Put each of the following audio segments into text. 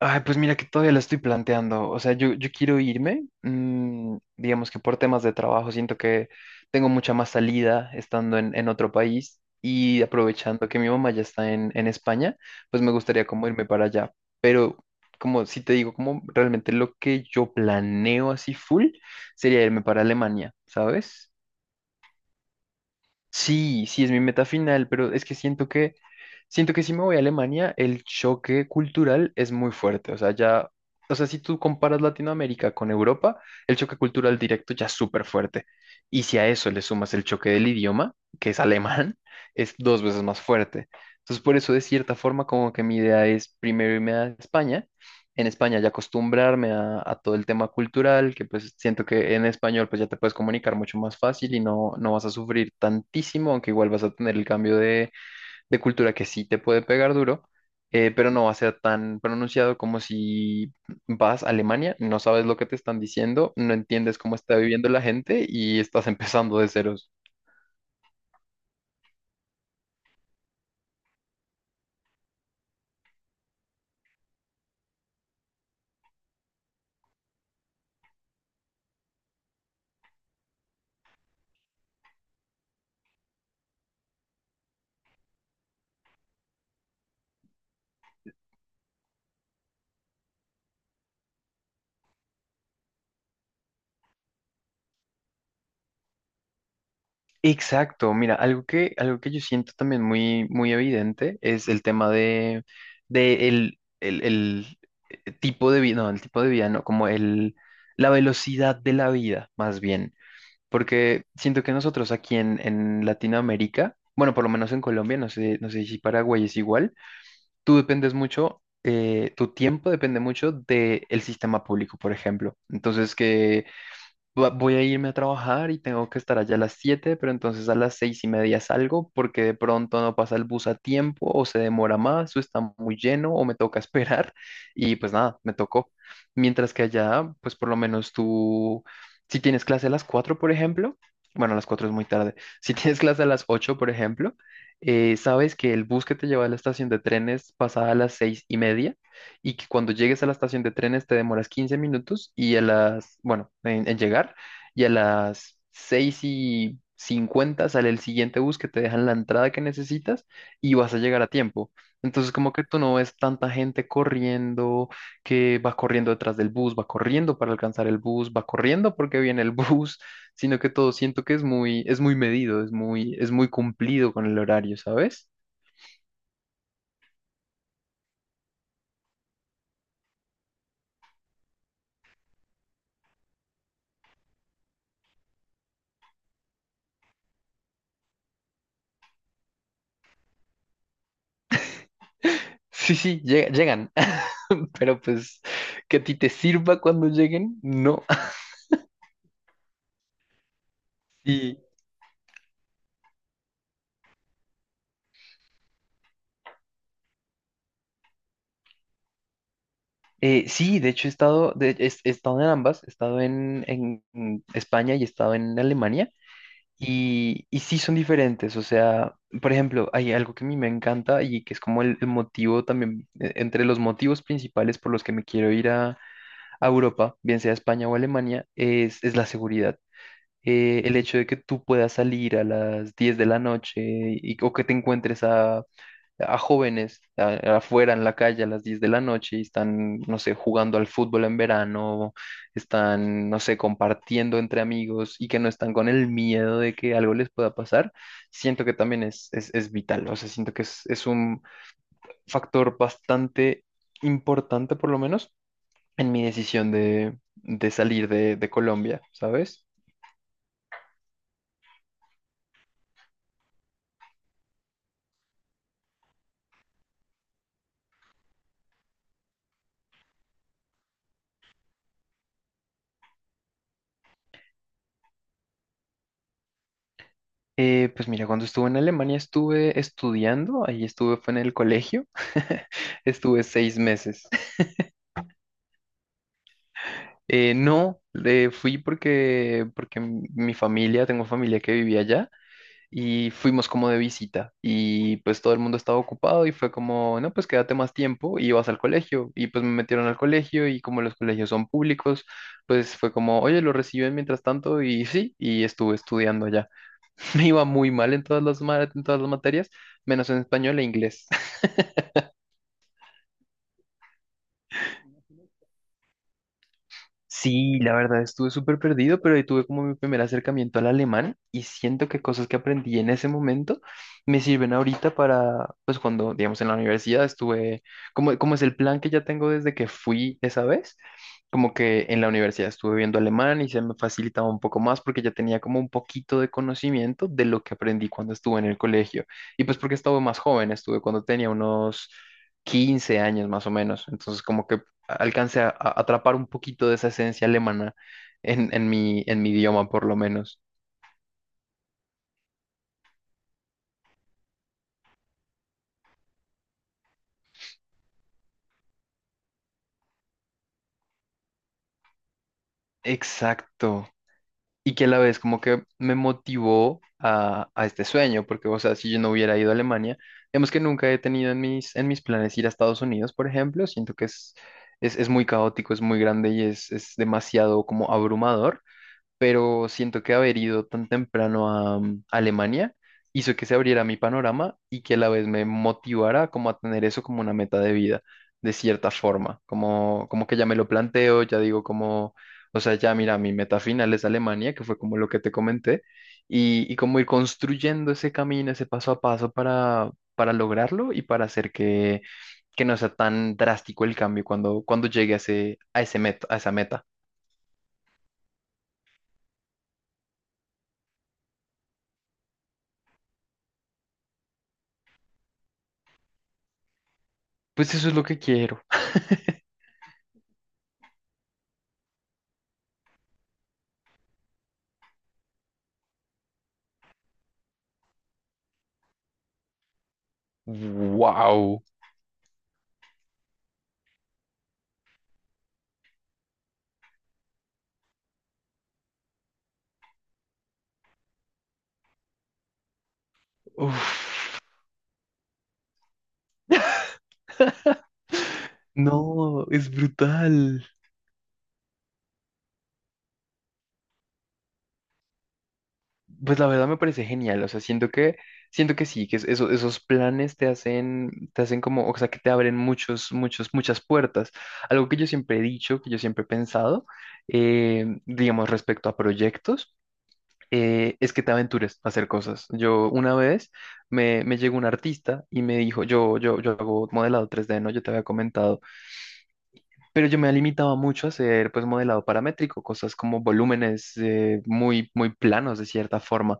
Ay, pues mira que todavía la estoy planteando. O sea, yo quiero irme, digamos que por temas de trabajo, siento que tengo mucha más salida estando en otro país y aprovechando que mi mamá ya está en España, pues me gustaría como irme para allá. Pero como si te digo, como realmente lo que yo planeo así full sería irme para Alemania, ¿sabes? Sí, sí es mi meta final, pero es que siento que si me voy a Alemania, el choque cultural es muy fuerte. O sea, si tú comparas Latinoamérica con Europa, el choque cultural directo ya es súper fuerte. Y si a eso le sumas el choque del idioma, que es alemán, es dos veces más fuerte. Entonces, por eso, de cierta forma, como que mi idea es primero irme a España. En España ya acostumbrarme a todo el tema cultural, que pues siento que en español pues ya te puedes comunicar mucho más fácil y no vas a sufrir tantísimo, aunque igual vas a tener el cambio de cultura que sí te puede pegar duro, pero no va a ser tan pronunciado como si vas a Alemania, no sabes lo que te están diciendo, no entiendes cómo está viviendo la gente y estás empezando de ceros. Exacto, mira, algo que, yo siento también muy, muy evidente es el tema de el tipo de vida, no, el tipo de vida, no, como el, la velocidad de la vida, más bien. Porque siento que nosotros aquí en Latinoamérica, bueno, por lo menos en Colombia, no sé si Paraguay es igual, tú dependes mucho, tu tiempo depende mucho del sistema público, por ejemplo. Entonces, que voy a irme a trabajar y tengo que estar allá a las siete, pero entonces a las seis y media salgo porque de pronto no pasa el bus a tiempo o se demora más o está muy lleno o me toca esperar, y pues nada, me tocó. Mientras que allá, pues por lo menos tú, si tienes clase a las 4 por ejemplo, bueno, a las 4 es muy tarde, si tienes clase a las 8 por ejemplo, sabes que el bus que te lleva a la estación de trenes pasa a las seis y media, y que cuando llegues a la estación de trenes te demoras 15 minutos y a las, bueno, en llegar, y a las 6 y 50 sale el siguiente bus que te dejan la entrada que necesitas y vas a llegar a tiempo. Entonces como que tú no ves tanta gente corriendo, que va corriendo detrás del bus, va corriendo para alcanzar el bus, va corriendo porque viene el bus, sino que todo siento que es muy medido, es muy cumplido con el horario, ¿sabes? Sí, sí, llegan. Pero pues que a ti te sirva cuando lleguen, no. Y sí, de hecho he estado, he estado en ambas, he estado en España y he estado en Alemania. Y sí son diferentes, o sea, por ejemplo, hay algo que a mí me encanta y que es como el motivo también, entre los motivos principales por los que me quiero ir a Europa, bien sea España o Alemania, es la seguridad. El hecho de que tú puedas salir a las 10 de la noche y, o que te encuentres a jóvenes afuera en la calle a las 10 de la noche, y están, no sé, jugando al fútbol en verano, están, no sé, compartiendo entre amigos y que no están con el miedo de que algo les pueda pasar, siento que también es vital. O sea, siento que es un factor bastante importante, por lo menos, en mi decisión de, salir de, Colombia, ¿sabes? Pues mira, cuando estuve en Alemania estuve estudiando, ahí estuve, fue en el colegio, estuve 6 meses. No, fui porque, mi familia, tengo familia que vivía allá y fuimos como de visita, y pues todo el mundo estaba ocupado y fue como, no, pues quédate más tiempo y vas al colegio, y pues me metieron al colegio, y como los colegios son públicos, pues fue como, oye, lo reciben mientras tanto y sí, y estuve estudiando allá. Me iba muy mal en todas en todas las materias, menos en español e inglés. Sí, la verdad estuve súper perdido, pero ahí tuve como mi primer acercamiento al alemán y siento que cosas que aprendí en ese momento me sirven ahorita para, pues cuando, digamos, en la universidad estuve, como, como es el plan que ya tengo desde que fui esa vez, como que en la universidad estuve viendo alemán y se me facilitaba un poco más porque ya tenía como un poquito de conocimiento de lo que aprendí cuando estuve en el colegio. Y pues porque estaba más joven, estuve cuando tenía unos... 15 años más o menos, entonces como que alcance a atrapar un poquito de esa esencia alemana en mi idioma, por lo menos. Exacto. Y que a la vez como que me motivó a este sueño, porque, o sea, si yo no hubiera ido a Alemania, digamos que nunca he tenido en mis, planes ir a Estados Unidos, por ejemplo, siento que es muy caótico, es muy grande y es demasiado como abrumador. Pero siento que haber ido tan temprano a Alemania hizo que se abriera mi panorama, y que a la vez me motivara como a tener eso como una meta de vida, de cierta forma, como, como que ya me lo planteo, ya digo como, o sea, ya mira, mi meta final es Alemania, que fue como lo que te comenté, y como ir construyendo ese camino, ese paso a paso para lograrlo y para hacer que no sea tan drástico el cambio cuando llegue a ese, meta, a esa meta. Pues eso es lo que quiero. Wow. Uf. No, es brutal. Pues la verdad me parece genial, o sea, siento que sí, que esos planes te hacen como, o sea, que te abren muchos muchos muchas puertas. Algo que yo siempre he dicho, que yo siempre he pensado, digamos respecto a proyectos, es que te aventures a hacer cosas. Yo una vez me llegó un artista y me dijo, yo hago modelado 3D, ¿no? Yo te había comentado. Pero yo me limitaba mucho a hacer pues modelado paramétrico, cosas como volúmenes, muy, muy planos de cierta forma.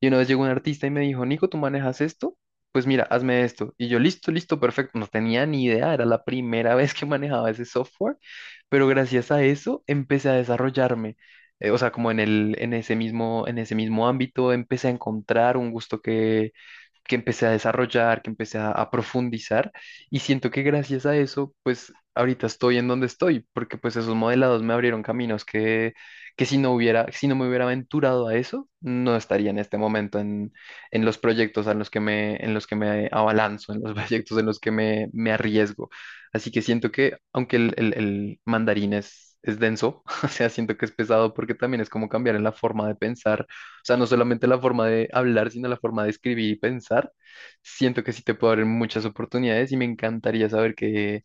Y una vez llegó un artista y me dijo, Nico, ¿tú manejas esto? Pues mira, hazme esto. Y yo, listo, listo, perfecto. No tenía ni idea, era la primera vez que manejaba ese software, pero gracias a eso empecé a desarrollarme. O sea, como en el, en ese mismo ámbito, empecé a encontrar un gusto que, empecé a desarrollar, que empecé a profundizar, y siento que gracias a eso, pues ahorita estoy en donde estoy, porque pues esos modelados me abrieron caminos que, si no me hubiera aventurado a eso, no estaría en este momento en los proyectos en los que me, abalanzo, en los proyectos en los que me, arriesgo. Así que siento que, aunque el, el mandarín es... Es denso, o sea, siento que es pesado porque también es como cambiar en la forma de pensar, o sea, no solamente la forma de hablar, sino la forma de escribir y pensar. Siento que sí te puedo abrir muchas oportunidades y me encantaría saber que,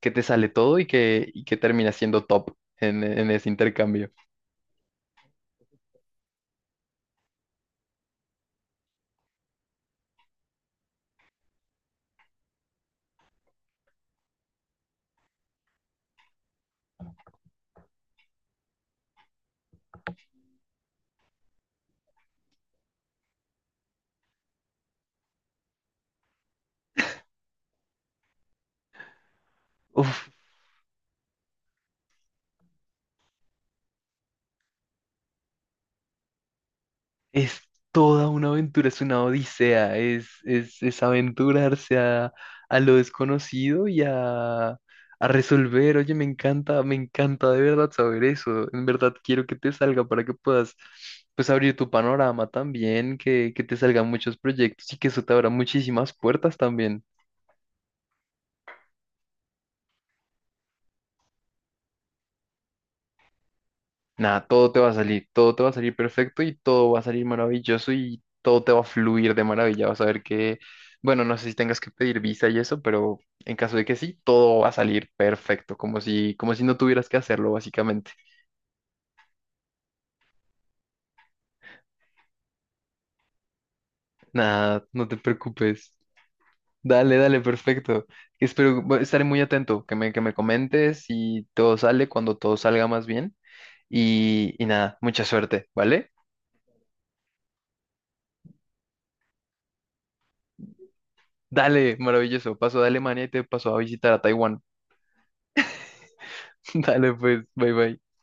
te sale todo, y que, terminas siendo top en ese intercambio. Uf. Es toda una aventura, es una odisea, es aventurarse a lo desconocido y a resolver. Oye, me encanta de verdad saber eso. En verdad quiero que te salga para que puedas pues abrir tu panorama también, que, te salgan muchos proyectos y que eso te abra muchísimas puertas también. Nada, todo te va a salir, todo te va a salir perfecto, y todo va a salir maravilloso y todo te va a fluir de maravilla. Vas a ver que, bueno, no sé si tengas que pedir visa y eso, pero en caso de que sí, todo va a salir perfecto, como si no tuvieras que hacerlo, básicamente. Nada, no te preocupes. Dale, dale, perfecto. Espero, bu- estaré muy atento, que me comentes si todo sale, cuando todo salga más bien. Y nada, mucha suerte, ¿vale? Dale, maravilloso. Paso de Alemania y te paso a visitar a Taiwán. Dale, pues, bye bye.